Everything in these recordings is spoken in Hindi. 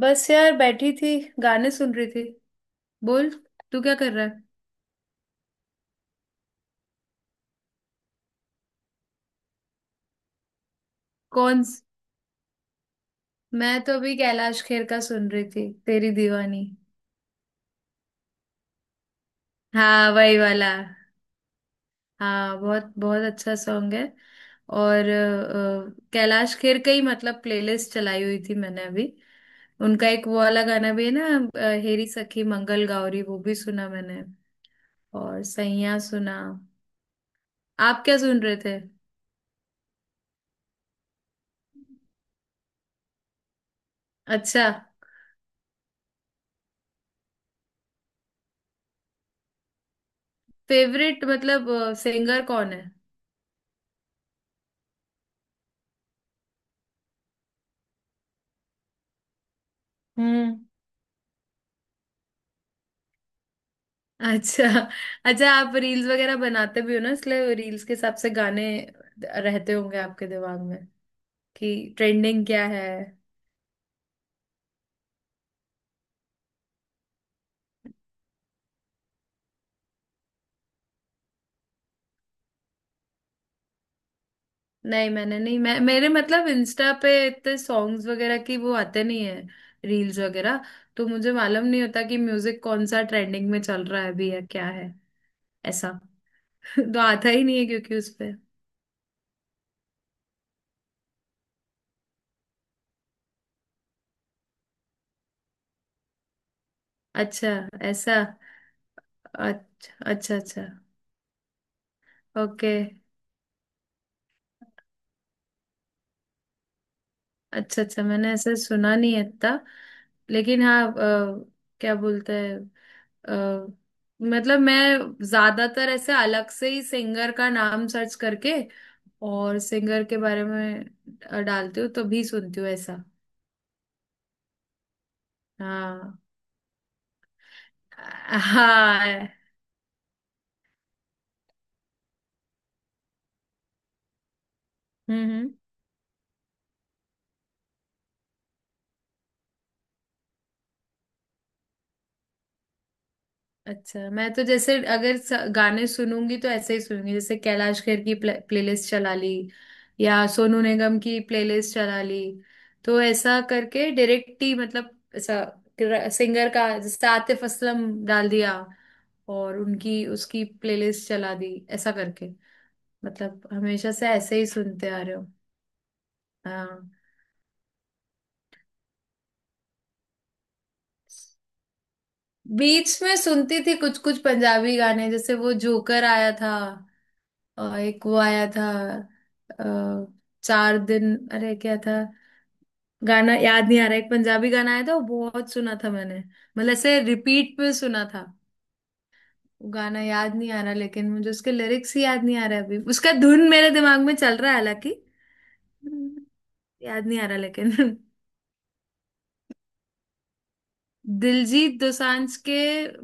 बस यार बैठी थी। गाने सुन रही थी। बोल, तू क्या कर रहा है। कौन स- मैं तो अभी कैलाश खेर का सुन रही थी, तेरी दीवानी। हाँ, वही वाला। हाँ, बहुत बहुत अच्छा सॉन्ग है। और कैलाश खेर का ही मतलब प्लेलिस्ट चलाई हुई थी मैंने अभी। उनका एक वो वाला गाना भी है ना। हेरी सखी मंगल गौरी वो भी सुना मैंने। और सैया सुना। आप क्या सुन रहे थे? अच्छा। फेवरेट मतलब सिंगर कौन है? हम्म। अच्छा अच्छा, आप रील्स वगैरह बनाते भी हो ना, इसलिए रील्स के हिसाब से गाने रहते होंगे आपके दिमाग में कि ट्रेंडिंग क्या है। नहीं, मैंने नहीं, मैं मेरे मतलब इंस्टा पे इतने सॉन्ग्स वगैरह की वो आते नहीं है, रील्स वगैरह। तो मुझे मालूम नहीं होता कि म्यूजिक कौन सा ट्रेंडिंग में चल रहा है अभी या क्या है। ऐसा तो आता ही नहीं है क्योंकि उस पे। अच्छा। ऐसा। अच्छा अच्छा अच्छा। ओके। अच्छा अच्छा, मैंने ऐसा सुना नहीं है इतना। लेकिन हाँ, क्या बोलते हैं, अ, मतलब मैं ज्यादातर ऐसे अलग से ही सिंगर का नाम सर्च करके और सिंगर के बारे में डालती हूँ तो भी सुनती हूँ ऐसा। हाँ, हाँ, हम्म। अच्छा, मैं तो जैसे अगर गाने सुनूंगी तो ऐसे ही सुनूंगी, जैसे कैलाश खेर की प्लेलिस्ट चला ली। या सोनू निगम की प्लेलिस्ट चला ली। तो ऐसा करके डायरेक्ट ही मतलब, ऐसा सिंगर का जैसे आतिफ असलम डाल दिया और उनकी उसकी प्लेलिस्ट चला दी ऐसा करके। मतलब हमेशा से ऐसे ही सुनते आ रहे हो। हाँ। बीच में सुनती थी कुछ कुछ पंजाबी गाने, जैसे वो जोकर आया था। और एक वो आया था अ, चार दिन, अरे क्या था, गाना याद नहीं आ रहा। एक पंजाबी गाना आया था, वो बहुत सुना था मैंने, मतलब ऐसे रिपीट पे सुना था। वो गाना याद नहीं आ रहा, लेकिन मुझे उसके लिरिक्स ही याद नहीं आ रहा अभी, उसका धुन मेरे दिमाग में चल रहा है हालांकि। हम्म, याद नहीं आ रहा लेकिन। दिलजीत दोसांझ के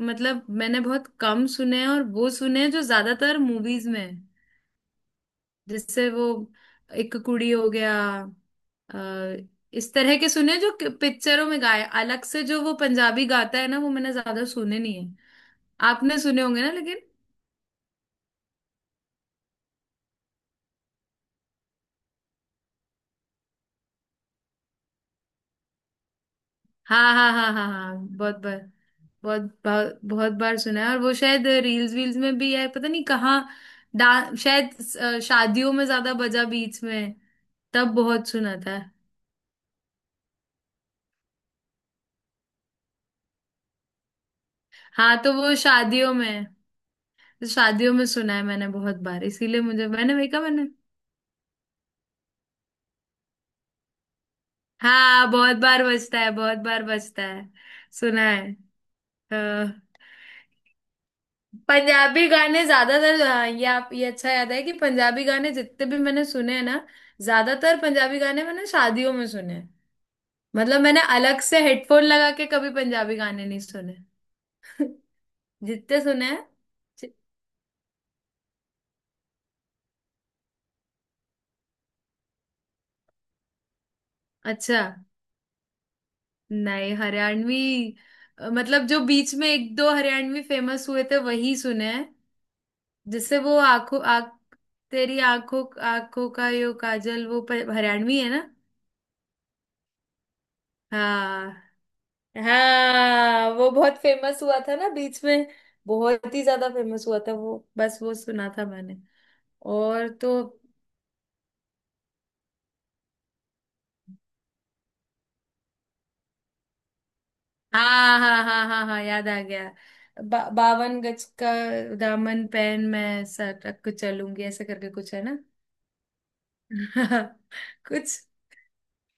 मतलब मैंने बहुत कम सुने हैं, और वो सुने हैं जो ज्यादातर मूवीज में हैं। जिससे वो एक कुड़ी हो गया, अ, इस तरह के सुने, जो पिक्चरों में गाए। अलग से जो वो पंजाबी गाता है ना, वो मैंने ज्यादा सुने नहीं है। आपने सुने होंगे ना, लेकिन। हाँ, हाँ, हाँ, हाँ, हाँ, बहुत बार। बहुत बहुत बहुत बार सुना है। और वो शायद रील्स वील्स में भी है, पता नहीं कहाँ। डा शायद शादियों में ज्यादा बजा बीच में, तब बहुत सुना था। हाँ, तो वो शादियों में, शादियों में सुना है मैंने बहुत बार, इसीलिए मुझे मैंने वही कहा मैंने। हाँ, बहुत बार बजता है, बहुत बार बजता है, सुना है। अ, पंजाबी गाने ज्यादातर, हाँ, ये आप ये अच्छा याद है कि पंजाबी गाने जितने भी मैंने सुने हैं ना, ज्यादातर पंजाबी गाने मैंने शादियों में सुने हैं। मतलब मैंने अलग से हेडफोन लगा के कभी पंजाबी गाने नहीं सुने। जितने सुने हैं। जि- अच्छा, नहीं, हरियाणवी। मतलब जो बीच में एक दो हरियाणवी फेमस हुए थे, वही सुने हैं। जिससे वो आंखों आंख, तेरी आंखों, आंखों का यो काजल, वो हरियाणवी है ना। हाँ, हाँ, वो बहुत फेमस हुआ था ना बीच में। बहुत ही ज्यादा फेमस हुआ था वो, बस वो सुना था मैंने, और तो। हाँ, हाँ, हाँ, हाँ, हाँ, याद आ गया। बावन गज का दामन, पहन मैं सटक के चलूंगी, ऐसा करके कुछ है ना। कुछ।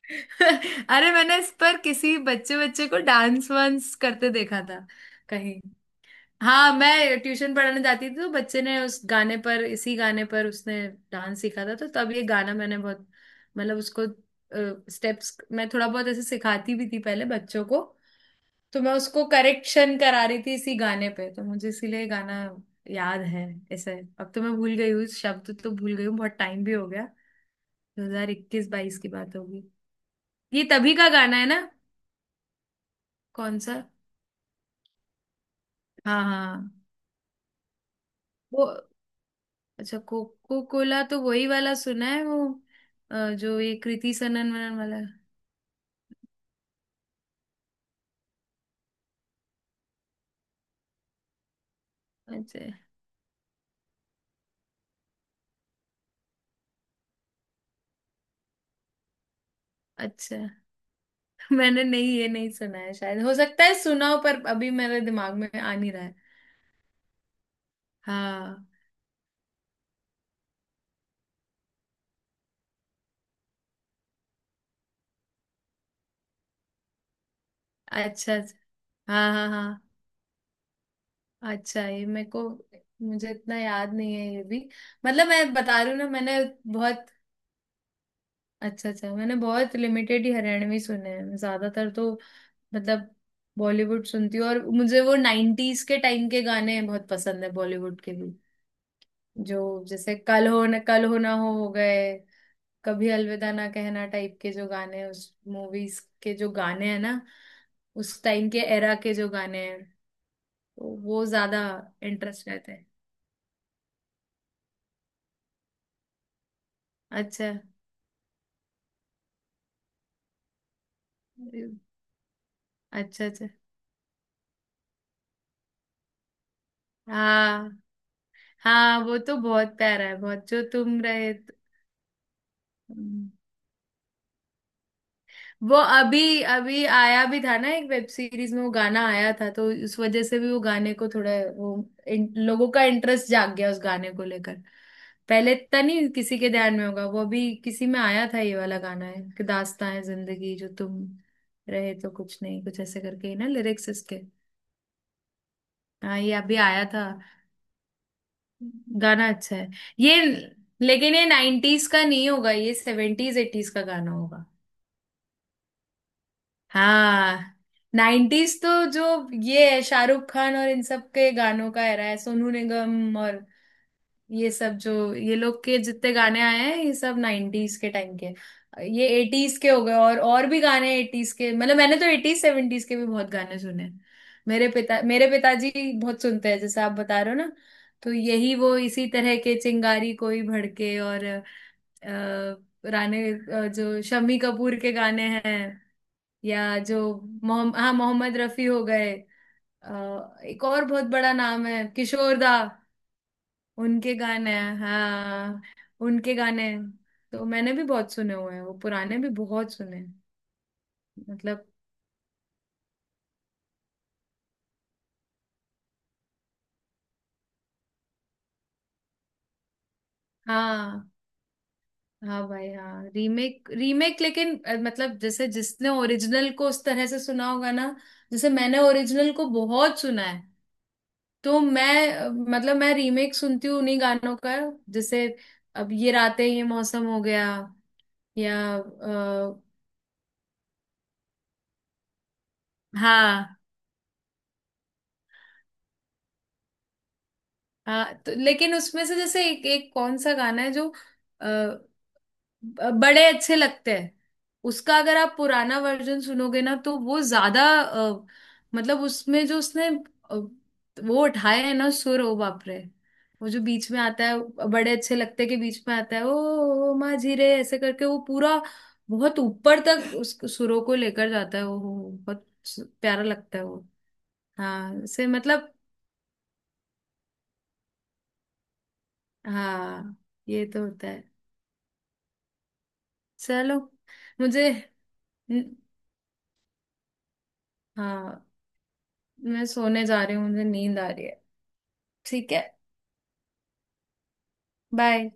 अरे, मैंने इस पर किसी बच्चे बच्चे को डांस वांस करते देखा था कहीं। हाँ, मैं ट्यूशन पढ़ाने जाती थी तो बच्चे ने उस गाने पर, इसी गाने पर उसने डांस सीखा था, तो तब ये गाना मैंने बहुत मतलब, उसको स्टेप्स मैं थोड़ा बहुत ऐसे सिखाती भी थी पहले बच्चों को। तो मैं उसको करेक्शन करा रही थी इसी गाने पे, तो मुझे इसीलिए ये गाना याद है ऐसे। अब तो मैं भूल गई हूँ, शब्द तो भूल गई हूँ, बहुत टाइम भी हो गया। 2021 22 की बात होगी, ये तभी का गाना है ना। कौन सा। हाँ, हाँ, वो। अच्छा, कोको कोला तो वही वाला सुना है, वो जो ये कृति सनन वनन वाला। अच्छा अच्छा। मैंने नहीं, ये नहीं सुना है शायद। हो सकता है सुना हो पर अभी मेरे दिमाग में आ नहीं रहा है। हाँ, अच्छा अच्छा, हाँ, हाँ, हाँ। अच्छा, ये मेरे को, मुझे इतना याद नहीं है ये भी, मतलब मैं बता रही हूँ ना मैंने बहुत। अच्छा अच्छा, मैंने बहुत लिमिटेड ही हरियाणवी सुने हैं ज्यादातर तो, मतलब बॉलीवुड सुनती हूँ, और मुझे वो नाइन्टीज के टाइम के गाने बहुत पसंद है, बॉलीवुड के भी। जो जैसे कल हो न, कल हो ना हो गए, कभी अलविदा ना कहना टाइप के जो गाने हैं, उस मूवीज के जो गाने हैं ना, उस टाइम के एरा के जो गाने हैं। तो वो ज्यादा इंटरेस्ट रहते हैं। अच्छा अच्छा अच्छा। हाँ, हाँ, वो तो बहुत प्यारा है, बहुत जो तुम रहे। वो अभी अभी आया भी था ना एक वेब सीरीज में, वो गाना आया था, तो उस वजह से भी वो गाने को थोड़ा वो लोगों का इंटरेस्ट जाग गया उस गाने को लेकर। पहले इतना नहीं किसी के ध्यान में होगा वो, अभी किसी में आया था। ये वाला गाना है कि दास्तां है जिंदगी, जो तुम रहे तो कुछ नहीं, कुछ ऐसे करके ही ना लिरिक्स इसके। हाँ, ये अभी आया था। गाना अच्छा है ये, लेकिन ये नाइन्टीज का नहीं होगा, ये सेवेंटीज एटीज का गाना होगा। हाँ। नाइन्टीज तो जो ये है शाहरुख खान और इन सब के गानों का era है, सोनू निगम और ये सब, जो ये लोग के जितने गाने आए हैं ये सब नाइन्टीज के टाइम के। ये एटीज के हो गए। और भी गाने एटीज के मतलब, मैंने तो एटीज सेवेंटीज के भी बहुत गाने सुने हैं। मेरे पिता, मेरे पिताजी बहुत सुनते हैं जैसे आप बता रहे हो ना, तो यही वो इसी तरह के चिंगारी कोई भड़के, और राणे, जो शम्मी कपूर के गाने हैं, या जो मोहम्मद, हाँ, मोहम्मद रफी हो गए। एक और बहुत बड़ा नाम है किशोर दा। उनके गाने हैं, हाँ, उनके गाने हैं। तो मैंने भी बहुत सुने हुए हैं, वो पुराने भी बहुत सुने हैं। मतलब। हाँ, हाँ भाई, हाँ, रीमेक रीमेक, लेकिन मतलब जैसे जिसने ओरिजिनल को उस तरह से सुना होगा ना, जैसे मैंने ओरिजिनल को बहुत सुना है। तो मैं मतलब मैं रीमेक सुनती हूँ उन्हीं गानों का। जैसे अब ये रातें ये मौसम हो गया, या हाँ हाँ, तो लेकिन उसमें से जैसे एक एक कौन सा गाना है जो अ, बड़े अच्छे लगते हैं। उसका अगर आप पुराना वर्जन सुनोगे ना तो वो ज्यादा मतलब उसमें जो उसने वो उठाए हैं ना सुर, ओ बाप रे, वो जो बीच में आता है, बड़े अच्छे लगते के बीच में आता है, ओ माँ जी रे ऐसे करके, वो पूरा बहुत ऊपर तक उस सुरों को लेकर जाता है, वो बहुत प्यारा लगता है वो। हाँ से मतलब, हाँ, ये तो होता है। चलो, मुझे, हाँ, मैं सोने जा रही हूँ, मुझे नींद आ रही है। ठीक है, बाय।